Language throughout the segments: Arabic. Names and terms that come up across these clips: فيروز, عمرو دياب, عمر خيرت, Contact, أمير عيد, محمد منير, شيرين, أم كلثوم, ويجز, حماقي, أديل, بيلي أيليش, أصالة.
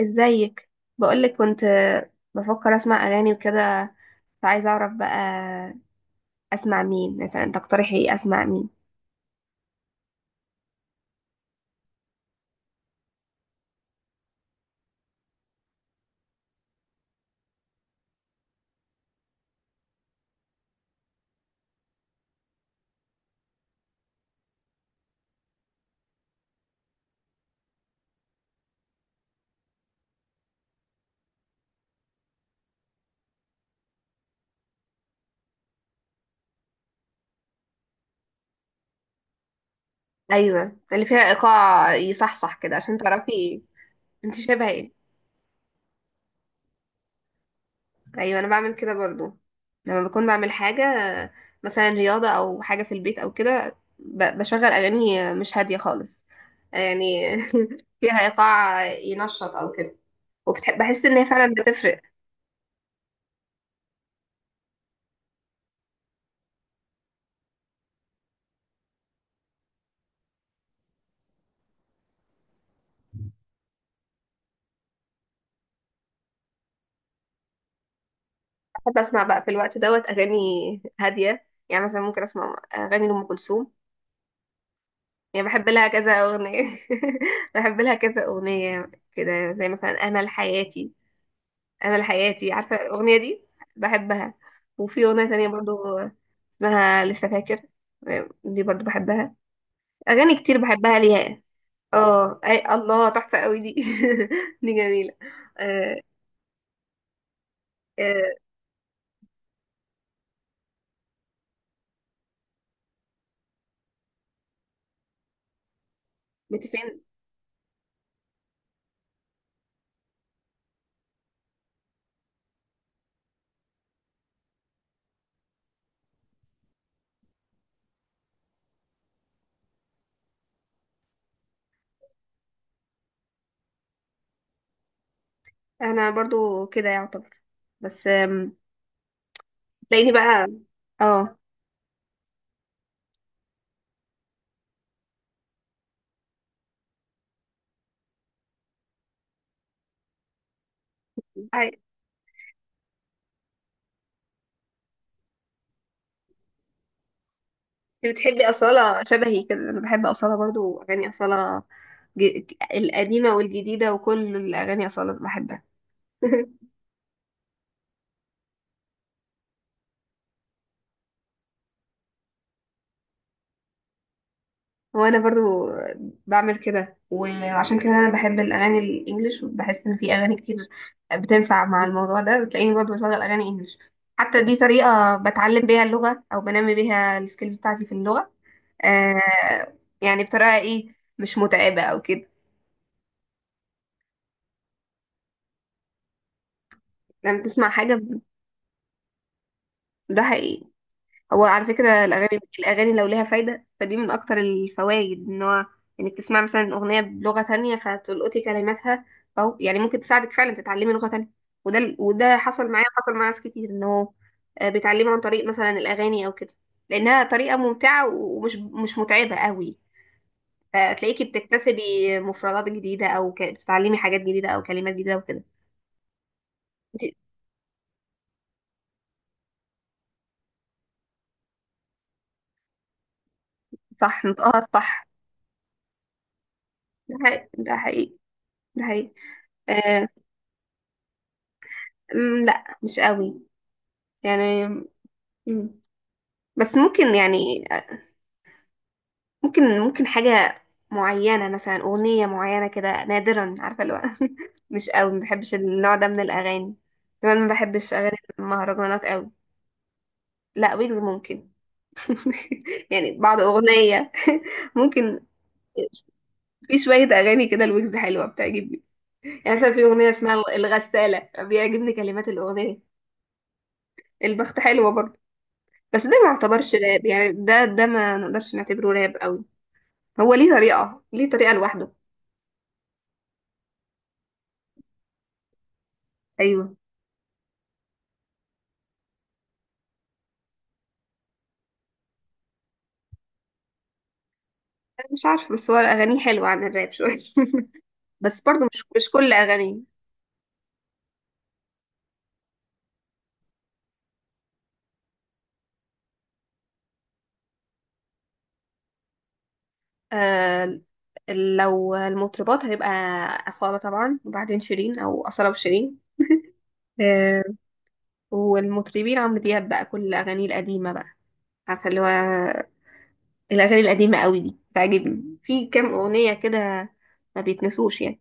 ازيك؟ بقولك كنت بفكر اسمع اغاني وكده، فعايزه اعرف بقى اسمع مين مثلا، تقترحي ايه؟ اسمع مين؟ ايوه، اللي فيها ايقاع يصحصح كده عشان تعرفي. انت شبه ايه. ايوه انا بعمل كده برضو، لما بكون بعمل حاجه مثلا رياضه او حاجه في البيت او كده بشغل اغاني مش هاديه خالص يعني. فيها ايقاع ينشط او كده، وبحس ان هي فعلا بتفرق. بحب اسمع بقى في الوقت دوت اغاني هاديه، يعني مثلا ممكن اسمع اغاني لام كلثوم. يعني بحب لها كذا اغنيه. بحب لها كذا اغنيه كده، زي مثلا امل حياتي. امل حياتي، عارفه الاغنيه دي؟ بحبها. وفي اغنيه تانية برضو اسمها لسه فاكر، دي برضو بحبها. اغاني كتير بحبها ليها. اه، اي الله، تحفه قوي دي. دي جميله. آه. آه. متفقين. انا برضو كده يعتبر، بس تلاقيني بقى. اه. انت بتحبي أصالة؟ شبهي كده، انا بحب أصالة برضو، اغاني أصالة القديمة والجديدة، وكل الأغاني أصالة بحبها. وأنا برضو بعمل كده، وعشان كده أنا بحب الأغاني الإنجليش، وبحس إن في أغاني كتير بتنفع مع الموضوع ده، بتلاقيني برضو بشغل أغاني إنجليش. حتى دي طريقة بتعلم بيها اللغة، أو بنمي بيها السكيلز بتاعتي في اللغة. آه. يعني بطريقة إيه، مش متعبة أو كده. لما تسمع حاجة. ده حقيقي. هو على فكرة الأغاني، الأغاني لو ليها فايدة فدي من أكتر الفوائد، إن هو إنك تسمع مثلا أغنية بلغة تانية فتلقطي كلماتها، أو يعني ممكن تساعدك فعلا تتعلمي لغة تانية. وده وده حصل معايا، حصل مع ناس كتير إن هو بيتعلموا عن طريق مثلا الأغاني أو كده، لأنها طريقة ممتعة ومش مش متعبة قوي. فتلاقيكي بتكتسبي مفردات جديدة، أو بتتعلمي حاجات جديدة أو كلمات جديدة وكده. صح، نطقها صح. ده حقيقي، ده حقيقي، ده حقيقي. آه. لا مش قوي يعني. مم. بس ممكن يعني. ممكن، حاجة معينة، مثلا أغنية معينة كده نادرا، عارفة اللي هو. مش قوي، ما بحبش النوع ده من الأغاني. كمان ما بحبش أغاني المهرجانات قوي. لا، ويجز ممكن. يعني بعض أغنية، ممكن. في شوية أغاني كده الويجز حلوة بتعجبني. يعني مثلا في أغنية اسمها الغسالة، بيعجبني كلمات الأغنية. البخت حلوة برضه. بس ده ما يعتبرش راب يعني، ده ما نقدرش نعتبره راب قوي. هو ليه طريقة، ليه طريقة لوحده. أيوة. أنا مش عارفة، بس هو أغانيه حلوة عن الراب شوية. بس برضو مش، مش كل أغانيه. آه. لو المطربات هيبقى أصالة طبعا، وبعدين شيرين، أو أصالة وشيرين. آه. والمطربين عمرو دياب بقى، كل أغانيه القديمة بقى، عارفة اللي هو؟ الأغاني القديمة قوي دي بتعجبني، في كام أغنية كده ما بيتنسوش يعني.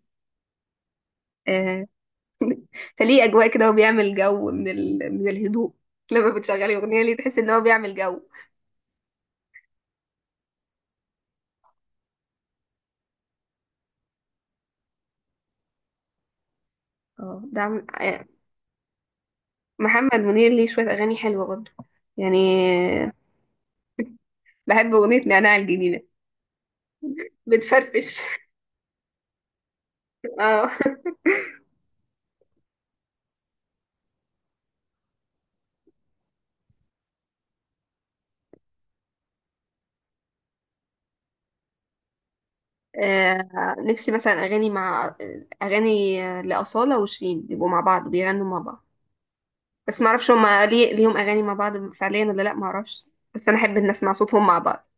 آه. فليه أجواء كده، وبيعمل جو من من الهدوء. لما بتشغلي أغنية ليه تحس إن هو بيعمل جو. اه ده عم... آه، محمد منير ليه شوية أغاني حلوة برضه يعني. آه، بحب أغنية نعناع الجميلة. بتفرفش. اه. نفسي مثلا أغاني مع أغاني، لأصالة وشيرين يبقوا مع بعض، بيغنوا مع بعض. بس معرفش هما ليه ليهم أغاني مع بعض فعليا ولا لأ، معرفش. بس أنا أحب إن أسمع صوتهم مع بعض.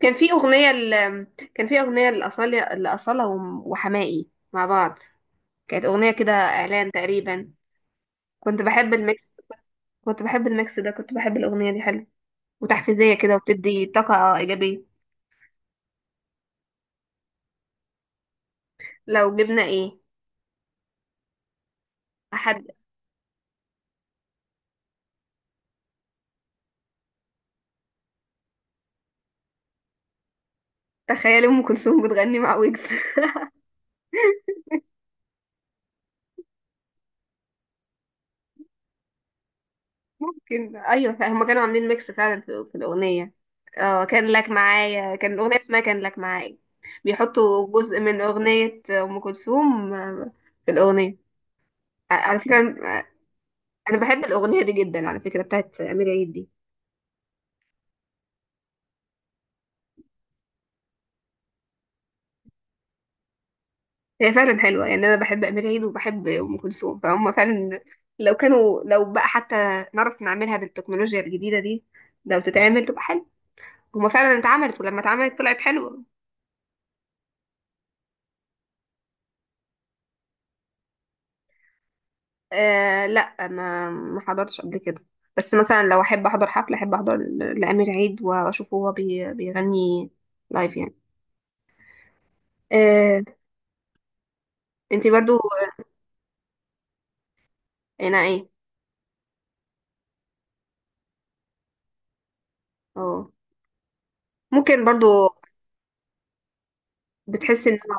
كان في أغنية كان في أغنية لأصالة، وحماقي مع بعض. كانت أغنية كده إعلان تقريبا. كنت بحب الميكس. كنت بحب الميكس ده كنت بحب الأغنية دي، حلو وتحفيزية كده، وبتدي طاقة إيجابية. لو جبنا إيه؟ أحد. تخيل أم كلثوم بتغني مع ويجز. كان أيوة، فهم كانوا عاملين ميكس فعلا في, في الأغنية. اه كان لك معايا، كان الأغنية اسمها كان لك معايا. بيحطوا جزء من أغنية أم كلثوم في الأغنية. على فكرة، أنا بحب الأغنية دي جدا على فكرة، بتاعت أمير عيد دي. هي فعلا حلوة، يعني أنا بحب أمير عيد وبحب أم كلثوم، فهم فعلا لو كانوا، لو بقى حتى نعرف نعملها بالتكنولوجيا الجديدة دي، لو تتعمل تبقى حلوة. هما فعلا اتعملت ولما اتعملت طلعت حلوة. آه لا، ما حضرتش قبل كده. بس مثلا لو أحب أحضر حفلة، أحب أحضر لأمير عيد، وأشوفه هو بيغني لايف يعني. آه. انتي برضو هنا ايه. اه ممكن برضو. بتحس ان هو،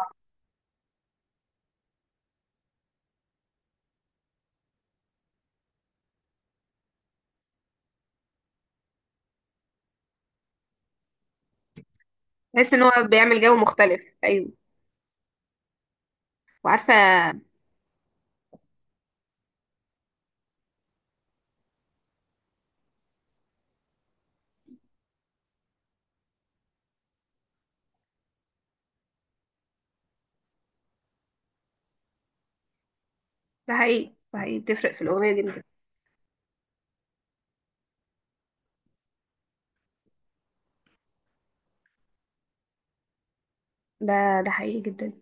بتحس ان هو بيعمل جو مختلف، ايوه. وعارفة. ده حقيقي، ده حقيقي، بتفرق في الأغنية جدا. ده، ده حقيقي جدا.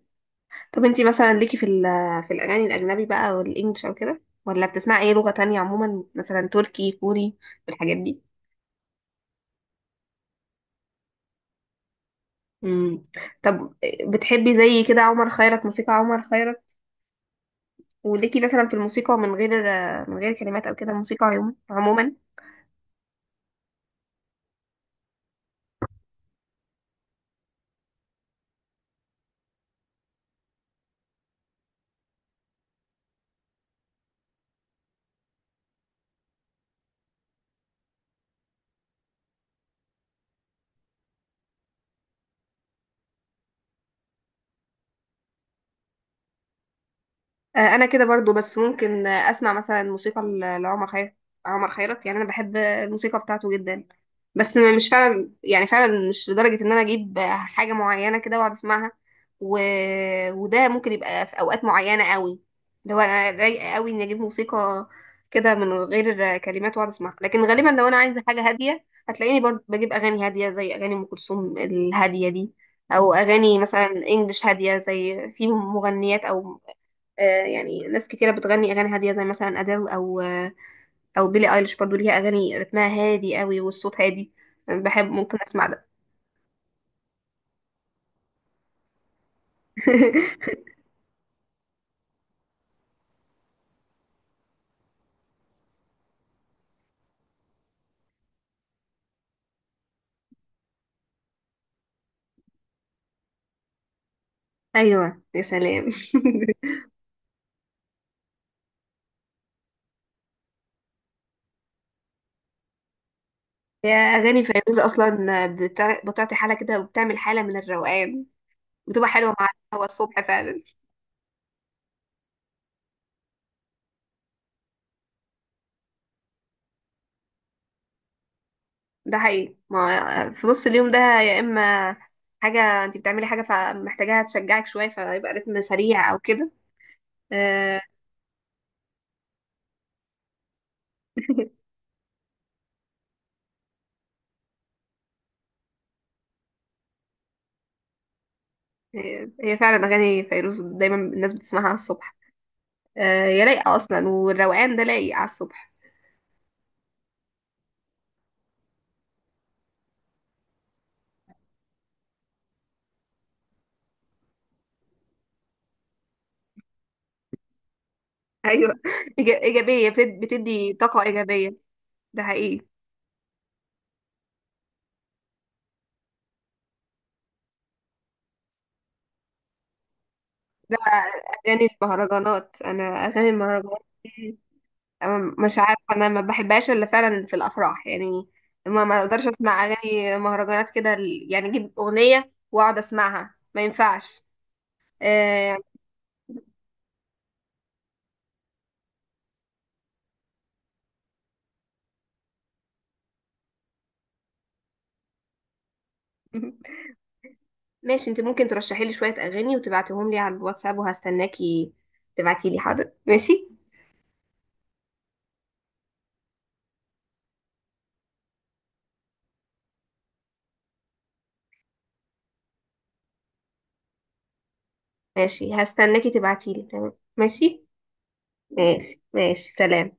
طب انتي مثلا ليكي في ال، في الأغاني الأجنبي بقى والإنجليش أو كده، ولا بتسمعي أي لغة تانية عموما، مثلا تركي كوري الحاجات دي. مم. طب بتحبي زي كده عمر خيرت، موسيقى عمر خيرت، وليكي مثلا في الموسيقى من غير، من غير كلمات أو كده، موسيقى عموما عموما. انا كده برضو، بس ممكن اسمع مثلا موسيقى لعمر خيرت. عمر خيرت يعني انا بحب الموسيقى بتاعته جدا، بس مش فعلا، يعني فعلا مش لدرجة ان انا اجيب حاجة معينة كده واقعد اسمعها. و... وده ممكن يبقى في اوقات معينة قوي، لو انا رايقة قوي اني اجيب موسيقى كده من غير كلمات واقعد اسمعها. لكن غالبا لو انا عايزة حاجة هادية، هتلاقيني برضو بجيب اغاني هادية زي اغاني ام كلثوم الهادية دي، او اغاني مثلا انجلش هاديه زي في مغنيات او، يعني ناس كتيرة بتغني أغاني هادية زي مثلا أديل أو أو بيلي أيليش، برضو ليها أغاني رتمها هادي قوي والصوت هادي، بحب ممكن أسمع ده. أيوة يا سلام. هي أغاني فيروز أصلا بتعطي حالة كده، وبتعمل حالة من الروقان. بتبقى حلوة مع الهوا الصبح فعلا. ده حقيقي، ما في نص اليوم ده يا إما حاجة أنت بتعملي حاجة فمحتاجاها تشجعك شوية، فيبقى رتم سريع أو كده. آه، هي، هي فعلا أغاني فيروز دايما الناس بتسمعها الصبح، هي لايقة أصلا، والروقان ده لايق على الصبح. أيوة. إيجابية، بتدي طاقة إيجابية. ده حقيقي. ده أغاني المهرجانات، أنا أغاني المهرجانات دي، أنا مش عارفة، أنا ما بحبهاش إلا فعلا في الأفراح يعني. ما أقدرش أسمع أغاني مهرجانات كده يعني أجيب أغنية وأقعد أسمعها، ما ينفعش. يعني. ماشي، أنت ممكن ترشحي لي شوية أغاني وتبعتيهم لي على الواتساب، وهستناكي تبعتي لي. حاضر، ماشي ماشي. هستناكي تبعتيلي، تمام، ماشي ماشي ماشي، سلام.